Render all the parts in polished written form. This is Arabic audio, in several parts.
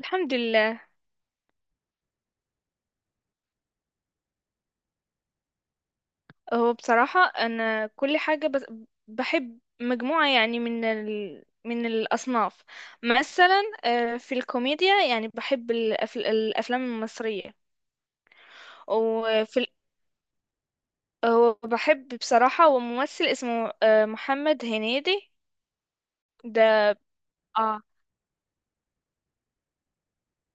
الحمد لله. هو بصراحة أنا كل حاجة، بس بحب مجموعة يعني من الأصناف. مثلا في الكوميديا يعني بحب الأفلام المصرية. وفي ال... وبحب بصراحة، وممثل اسمه محمد هنيدي. ده. اه.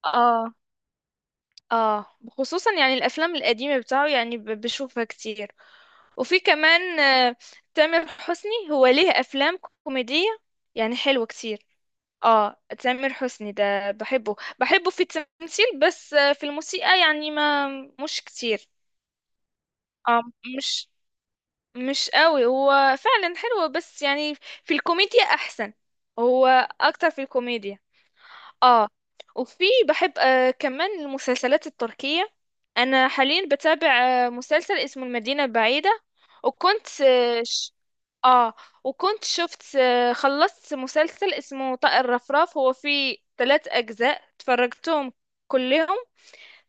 اه. اه، خصوصا يعني الأفلام القديمة بتاعه، يعني بشوفها كتير. وفي كمان تامر حسني هو ليه أفلام كوميدية يعني حلوة كتير. اه، تامر حسني ده بحبه بحبه في التمثيل، بس في الموسيقى يعني ما مش كتير. اه، مش مش قوي هو، فعلا حلو بس، يعني في الكوميديا احسن. هو اكتر في الكوميديا. اه. وفي بحب كمان المسلسلات التركية. انا حاليا بتابع مسلسل اسمه المدينة البعيدة. وكنت آه ش... اه، وكنت شفت خلصت مسلسل اسمه طائر رفراف. هو فيه ثلاث اجزاء، اتفرجتهم كلهم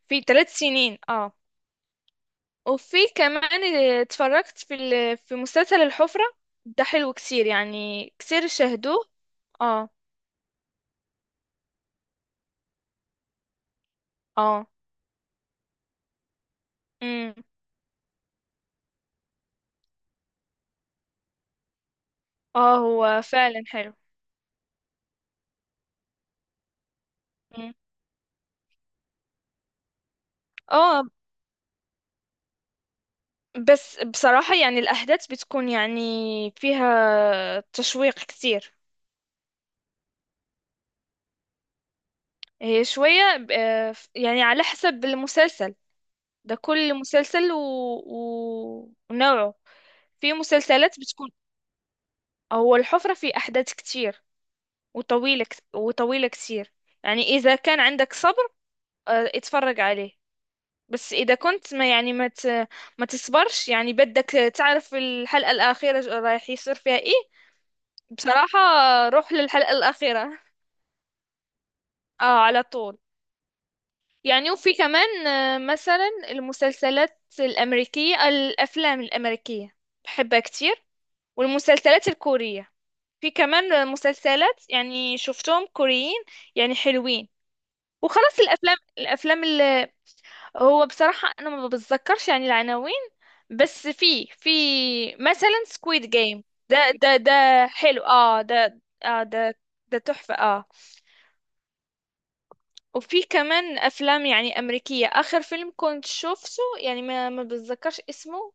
في 3 سنين. اه. وفي كمان اتفرجت في مسلسل الحفرة. ده حلو كتير، يعني كتير شاهدوه. اه. اه. امم. اه، هو فعلا حلو. اه، بس بصراحة يعني الأحداث بتكون يعني فيها تشويق كتير. هي شوية يعني على حسب المسلسل. ده كل مسلسل ونوعه. في مسلسلات بتكون. هو الحفرة في أحداث كتير، وطويلة كتير. يعني إذا كان عندك صبر، اتفرج عليه. بس إذا كنت ما يعني ما تصبرش، يعني بدك تعرف الحلقة الأخيرة رايح يصير فيها إيه. بصراحة روح للحلقة الأخيرة. اه، على طول. يعني وفي كمان مثلا المسلسلات الأمريكية، الأفلام الأمريكية، بحبها كتير. والمسلسلات الكورية، في كمان مسلسلات يعني شفتهم كوريين يعني حلوين. وخلاص، الأفلام اللي... هو بصراحة أنا ما بتذكرش يعني العناوين، بس في مثلا سكويد جيم. ده. حلو، اه، ده. اه، ده. ده تحفة. اه. وفي كمان افلام يعني امريكيه، اخر فيلم كنت شفته، يعني ما بتذكرش اسمه.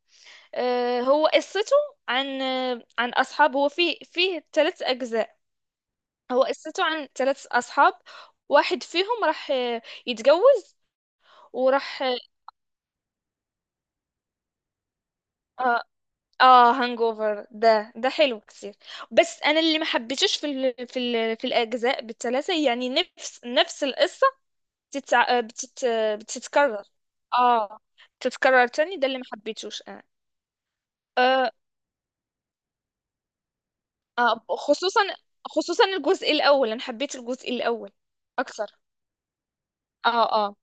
هو قصته عن عن اصحاب. هو فيه ثلاث اجزاء. هو قصته عن ثلاث اصحاب، واحد فيهم راح يتجوز، وراح. اه. اه، هانجوفر ده حلو كتير. بس انا اللي ما حبيتوش في الاجزاء بالثلاثه، يعني نفس القصه بتتع... بتت... بتتكرر. اه، تتكرر تاني. ده اللي ما حبيتوش انا. آه. آه، خصوصا الجزء الاول. انا حبيت الجزء الاول اكثر. اه. اه،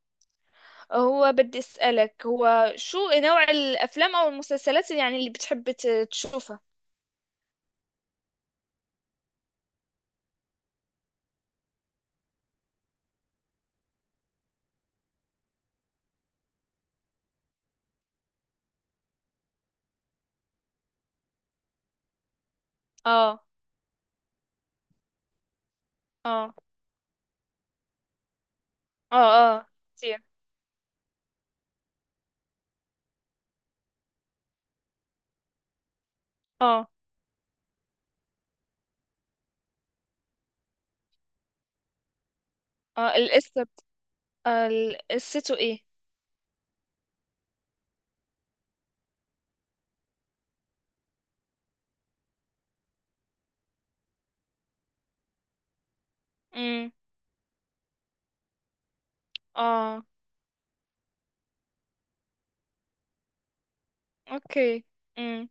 هو بدي اسالك، هو شو نوع الافلام او المسلسلات يعني اللي بتحب تشوفها؟ اه. اه. اه. اه، كتير. اه. اه، القصه، قصته ايه؟ امم. اه. اوكي. امم.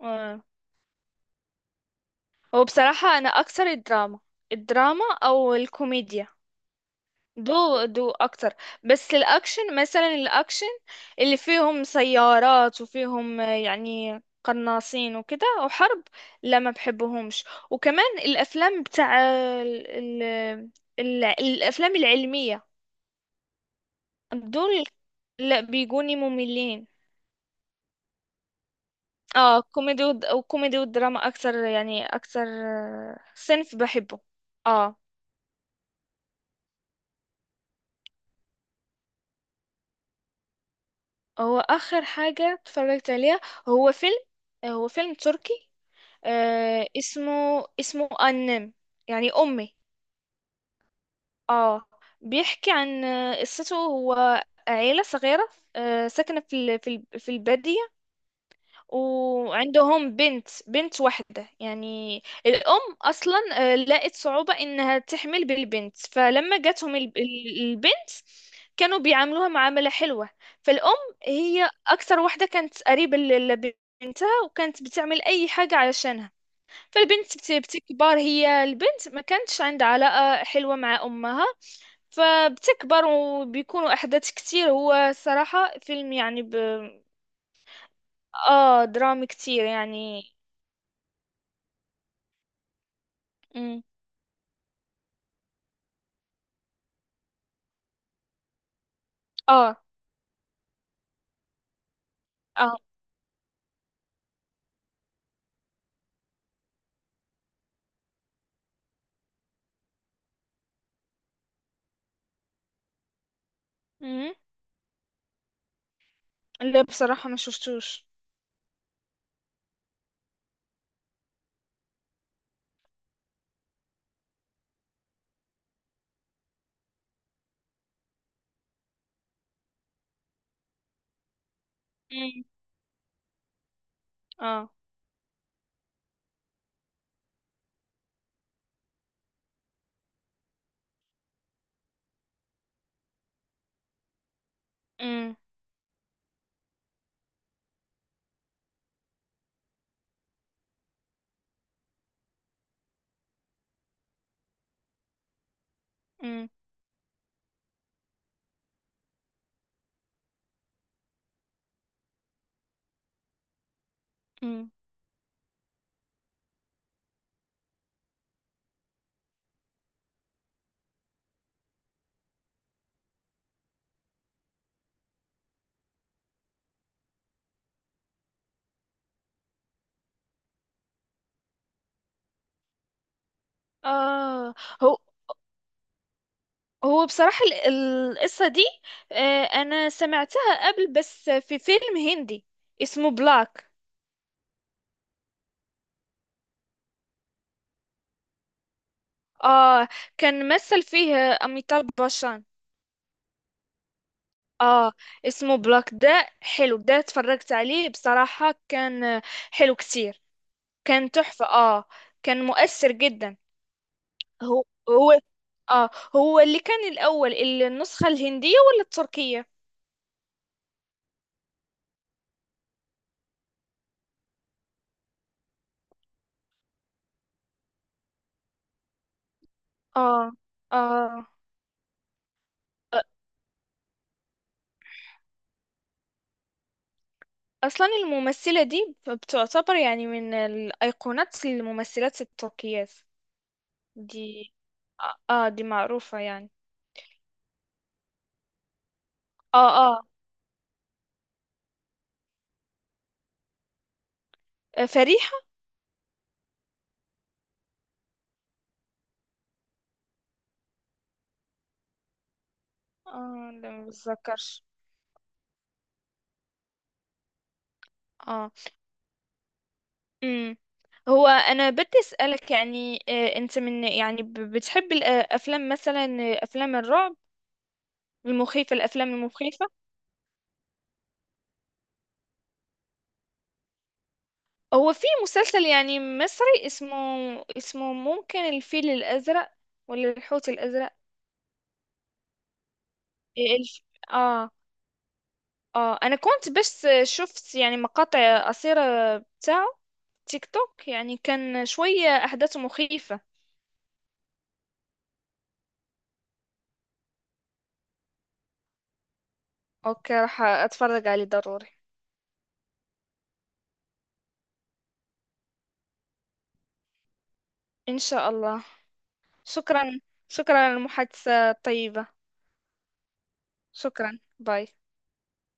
امم. هو بصراحة أنا أكثر الدراما، الدراما أو الكوميديا، دو أكتر. بس الأكشن، مثلا الأكشن اللي فيهم سيارات وفيهم يعني قناصين وكده وحرب، لا ما بحبهمش. وكمان الأفلام بتاع ال... ال... الأفلام العلمية، دول لا بيجوني مملين. اه، كوميدي وكوميدي والدراما أكثر، يعني أكثر صنف بحبه. اه. هو اخر حاجه اتفرجت عليها، هو فيلم هو فيلم تركي. آه اسمه اسمه انم، يعني امي. اه، بيحكي عن قصته هو عيله صغيره، ساكنه في الباديه، وعندهم بنت واحدة يعني. الأم أصلا لقت صعوبة إنها تحمل بالبنت، فلما جاتهم البنت، كانوا بيعاملوها معاملة حلوة. فالأم هي أكثر واحدة كانت قريبة لبنتها، وكانت بتعمل أي حاجة علشانها. فالبنت بتكبر، هي البنت ما كانتش عندها علاقة حلوة مع أمها. فبتكبر وبيكونوا أحداث كتير. هو صراحة فيلم يعني، اه، درامي كتير يعني. مم. اه. اه. مم. لا بصراحة ما شفتوش. مم. اه. مم. مم. مم. اه. هو هو بصراحة القصة دي، انا سمعتها قبل، بس في فيلم هندي اسمه بلاك. اه، كان مثل فيه اميتاب باشان. اه، اسمه بلاك ده حلو. ده اتفرجت عليه بصراحة، كان حلو كتير. كان تحفة. اه، كان مؤثر جدا. هو. هو. اه. هو اللي كان الأول، النسخة الهندية ولا التركية؟ اه. اه، أصلا الممثلة دي بتعتبر يعني من الأيقونات، الممثلات التركيات دي. اه، دي معروفة يعني. اه. اه، فريحة. اه، لا ما بتذكرش. اه. امم. هو انا بدي اسالك يعني انت من يعني بتحب الافلام مثلا افلام الرعب المخيفه، الافلام المخيفه؟ هو في مسلسل يعني مصري اسمه ممكن الفيل الأزرق ولا الحوت الأزرق؟ إيه الف... اه. اه، انا كنت بس شفت يعني مقاطع قصيرة بتاعه، تيك توك، يعني كان شوية أحداثه مخيفة. اوكي، راح اتفرج عليه ضروري. ان شاء الله. شكرا. شكرا على المحادثة الطيبة. شكرا. باي.